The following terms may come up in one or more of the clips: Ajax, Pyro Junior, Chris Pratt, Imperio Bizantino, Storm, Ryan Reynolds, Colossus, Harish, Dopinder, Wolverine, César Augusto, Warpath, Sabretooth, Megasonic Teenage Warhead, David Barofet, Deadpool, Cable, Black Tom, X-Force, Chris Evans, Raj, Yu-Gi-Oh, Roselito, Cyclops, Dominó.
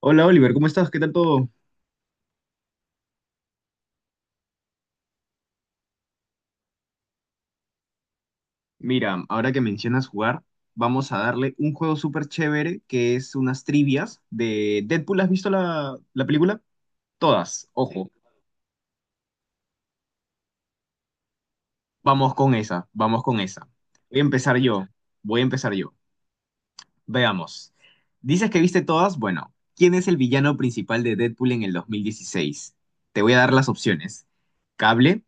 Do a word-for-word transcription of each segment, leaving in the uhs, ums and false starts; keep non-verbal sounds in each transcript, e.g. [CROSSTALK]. Hola Oliver, ¿cómo estás? ¿Qué tal todo? Mira, ahora que mencionas jugar, vamos a darle un juego súper chévere que es unas trivias de Deadpool. ¿Has visto la, la película? Todas, sí. Ojo. Vamos con esa, vamos con esa. Voy a empezar yo, voy a empezar yo. Veamos. Dices que viste todas, bueno, ¿quién es el villano principal de Deadpool en el dos mil dieciséis? Te voy a dar las opciones. Cable,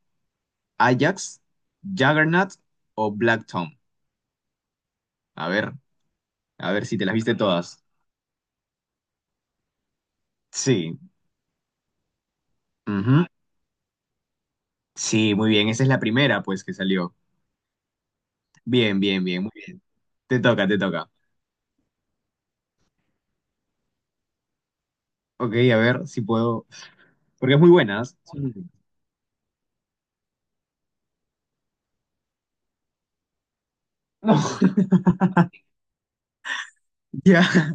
Ajax, Juggernaut o Black Tom. A ver, a ver si te las viste todas. Sí. Ujú. Sí, muy bien. Esa es la primera, pues, que salió. Bien, bien, bien, muy bien. Te toca, te toca. Ok, a ver si puedo. Porque es muy buena, ¿eh? Sí. No, [LAUGHS] ya.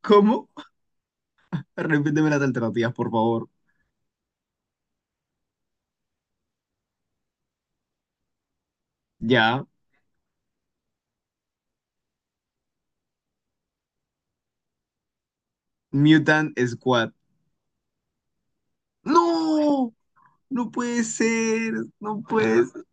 ¿Cómo? Repíteme las alternativas, por favor. Ya. Mutant Squad. ¡No! No puede ser. No puede ser.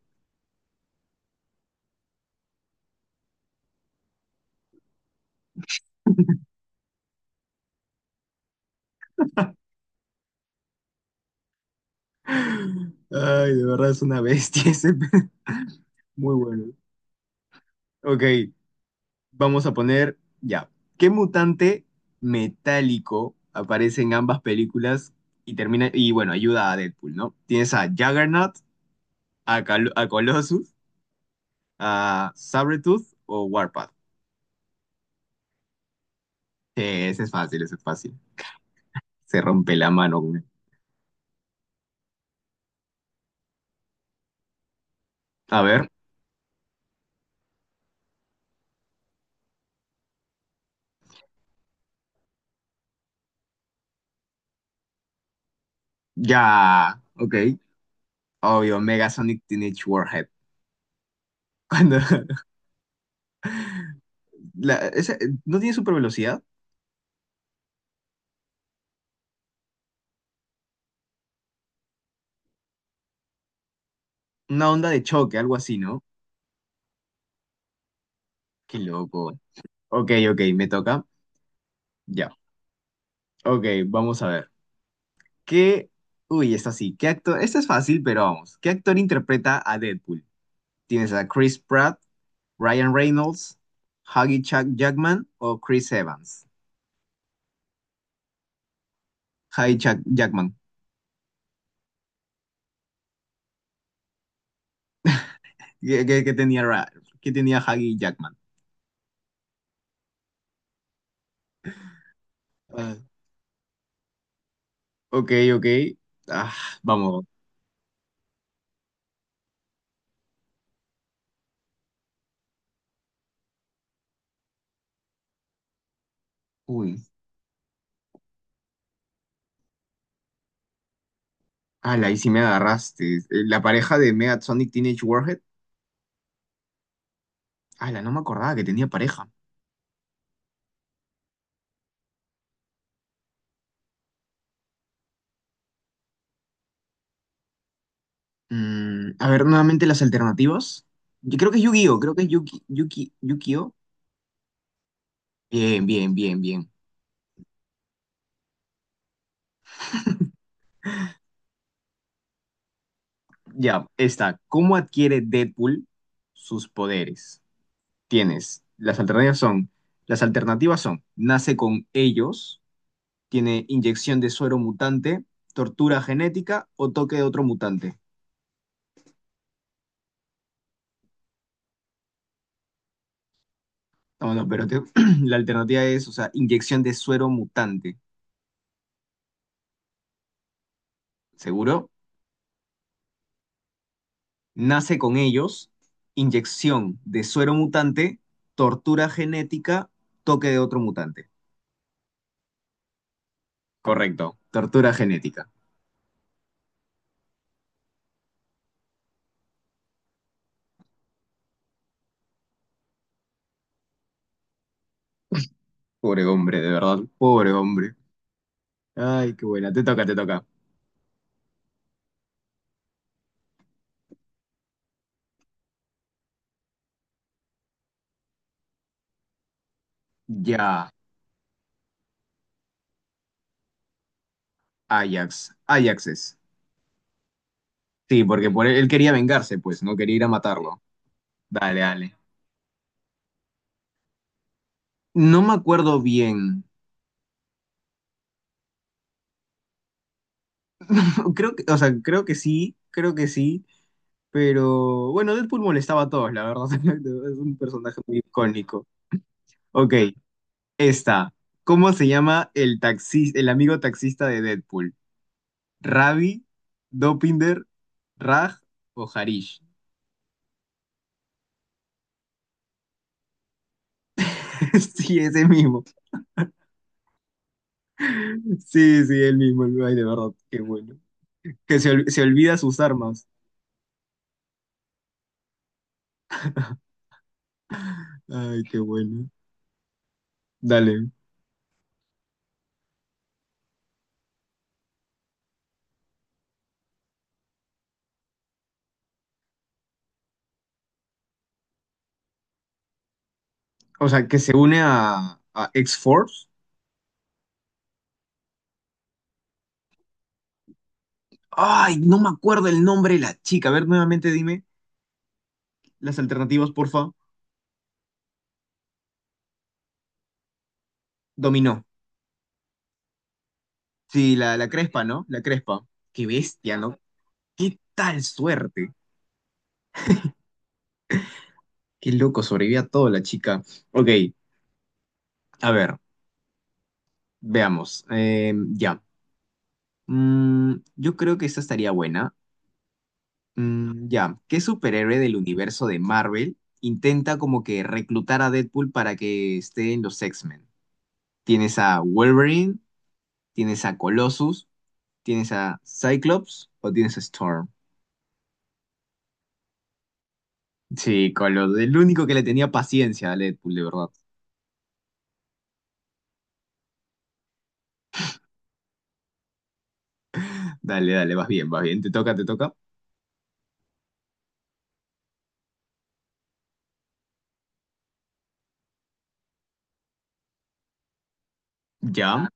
Ay, de verdad es una bestia ese. [LAUGHS] pe- Muy bueno. Ok. Vamos a poner ya. ¿Qué mutante metálico aparece en ambas películas y termina y bueno, ayuda a Deadpool, ¿no? Tienes a Juggernaut, a, Col- a Colossus, a Sabretooth o Warpath. Eh, ese es fácil, ese es fácil. Se rompe la mano con él. A ver, ya, ok. Obvio, Megasonic Teenage Warhead. Cuando [LAUGHS] la- esa- no tiene super velocidad, una onda de choque, algo así, ¿no? Qué loco. Ok, ok, me toca. Ya. Ok, vamos a ver. ¿Qué? Uy, esta sí. ¿Qué actor? Esta es fácil, pero vamos. ¿Qué actor interpreta a Deadpool? ¿Tienes a Chris Pratt, Ryan Reynolds, Huggy Chuck Jackman o Chris Evans? Huggy Chuck Jackman. ¿Qué, qué- qué tenía, Ra- qué tenía Huggy Jackman? Ah, ok, ok. Ah, vamos. Uy. Ala, ahí sí me agarraste. Eh, La pareja de Sonic Teenage Warhead. Ala, no me acordaba que tenía pareja. Mm, a ver, nuevamente las alternativas. Yo creo que es Yu-Gi-Oh! Creo que es Yuki, Yuki, Yu-Gi-Oh! Bien, bien, bien, bien. Ya, está. ¿Cómo adquiere Deadpool sus poderes? Tienes, las alternativas son, las alternativas son, nace con ellos, tiene inyección de suero mutante, tortura genética o toque de otro mutante. No, no, pero te- [CLEARS THROAT] la alternativa es, o sea, inyección de suero mutante. ¿Seguro? Nace con ellos, inyección de suero mutante, tortura genética, toque de otro mutante. Correcto, tortura genética. Pobre hombre, de verdad, pobre hombre. Ay, qué buena. Te toca, te toca. Ya, Ajax. Ajax es. Sí, porque por él, él quería vengarse, pues, no quería ir a matarlo. Dale, dale. No me acuerdo bien. [LAUGHS] Creo que, o sea, creo que sí, creo que sí. Pero bueno, Deadpool molestaba a todos, la verdad. [LAUGHS] Es un personaje muy icónico. Ok, esta. ¿Cómo se llama el taxi, el amigo taxista de Deadpool? ¿Ravi, Dopinder, Raj o Harish? [LAUGHS] Sí, ese mismo. Sí, sí, el mismo. el- Ay, de verdad, qué bueno. Que se, ol- se olvida sus armas. Ay, qué bueno. Dale. O sea, que se une a, a X-Force. Ay, no me acuerdo el nombre de la chica. A ver, nuevamente dime las alternativas, porfa. Dominó. Sí, la, la Crespa, ¿no? La Crespa. Qué bestia, ¿no? Qué tal suerte. Qué loco, sobrevivió a todo la chica. Ok, a ver, veamos. Eh, ya. Mm, yo creo que esta estaría buena. Mm, ya, ¿qué superhéroe del universo de Marvel intenta como que reclutar a Deadpool para que esté en los X-Men? ¿Tienes a Wolverine? ¿Tienes a Colossus? ¿Tienes a Cyclops? ¿O tienes a Storm? Sí, Colossus, el único que le tenía paciencia a Deadpool, de verdad. Dale, dale, vas bien, vas bien, te toca, te toca. Ya,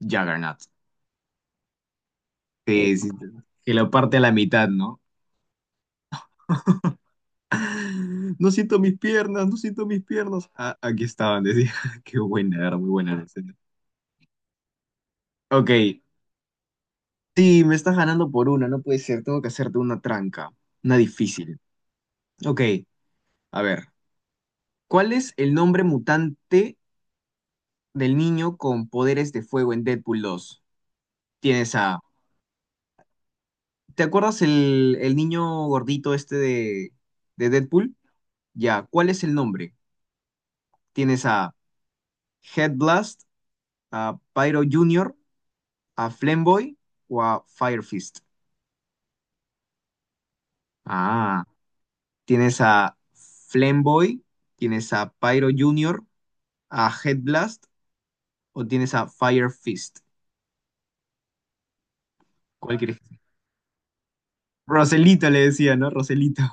Juggernaut. Sí, sí, sí, que lo parte a la mitad, ¿no? [LAUGHS] No siento mis piernas, no siento mis piernas. Ah, aquí estaban, decía. [LAUGHS] Qué buena, era muy buena. Ok, sí, me estás ganando por una, no puede ser, tengo que hacerte una tranca, una difícil. Ok, a ver, ¿cuál es el nombre mutante del niño con poderes de fuego en Deadpool dos? Tienes a... ¿Te acuerdas el, el niño gordito este de, de Deadpool? Ya, ¿cuál es el nombre? Tienes a Headblast, a Pyro Junior, a Flamboy o a Firefist. Ah, tienes a Flamboy, tienes a Pyro Junior, a Headblast o tienes a Fire Fist? ¿Cuál quieres? Roselito le decía, ¿no? Roselito.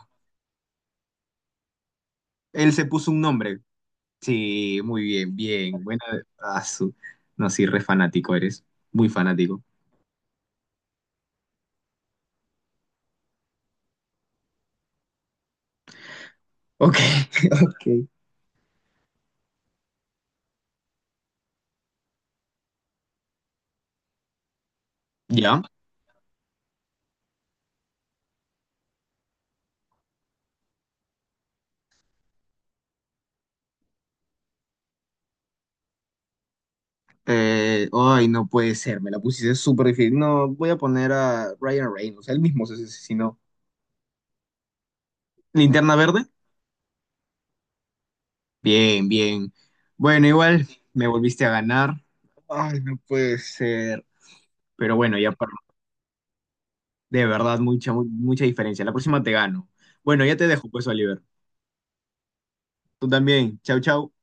Él se puso un nombre. Sí, muy bien, bien. Buena. ah, su- No, sí, re fanático eres. Muy fanático. Ok, [LAUGHS] ok. ¿Ya? Eh, ay, no puede ser. Me la pusiste súper difícil. No, voy a poner a Ryan Reynolds. Él mismo se asesinó. ¿Linterna verde? Bien, bien. Bueno, igual me volviste a ganar. Ay, no puede ser. Pero bueno, ya. De verdad, mucha, mu- mucha diferencia. La próxima te gano. Bueno, ya te dejo, pues, Oliver. Tú también. Chau, chau.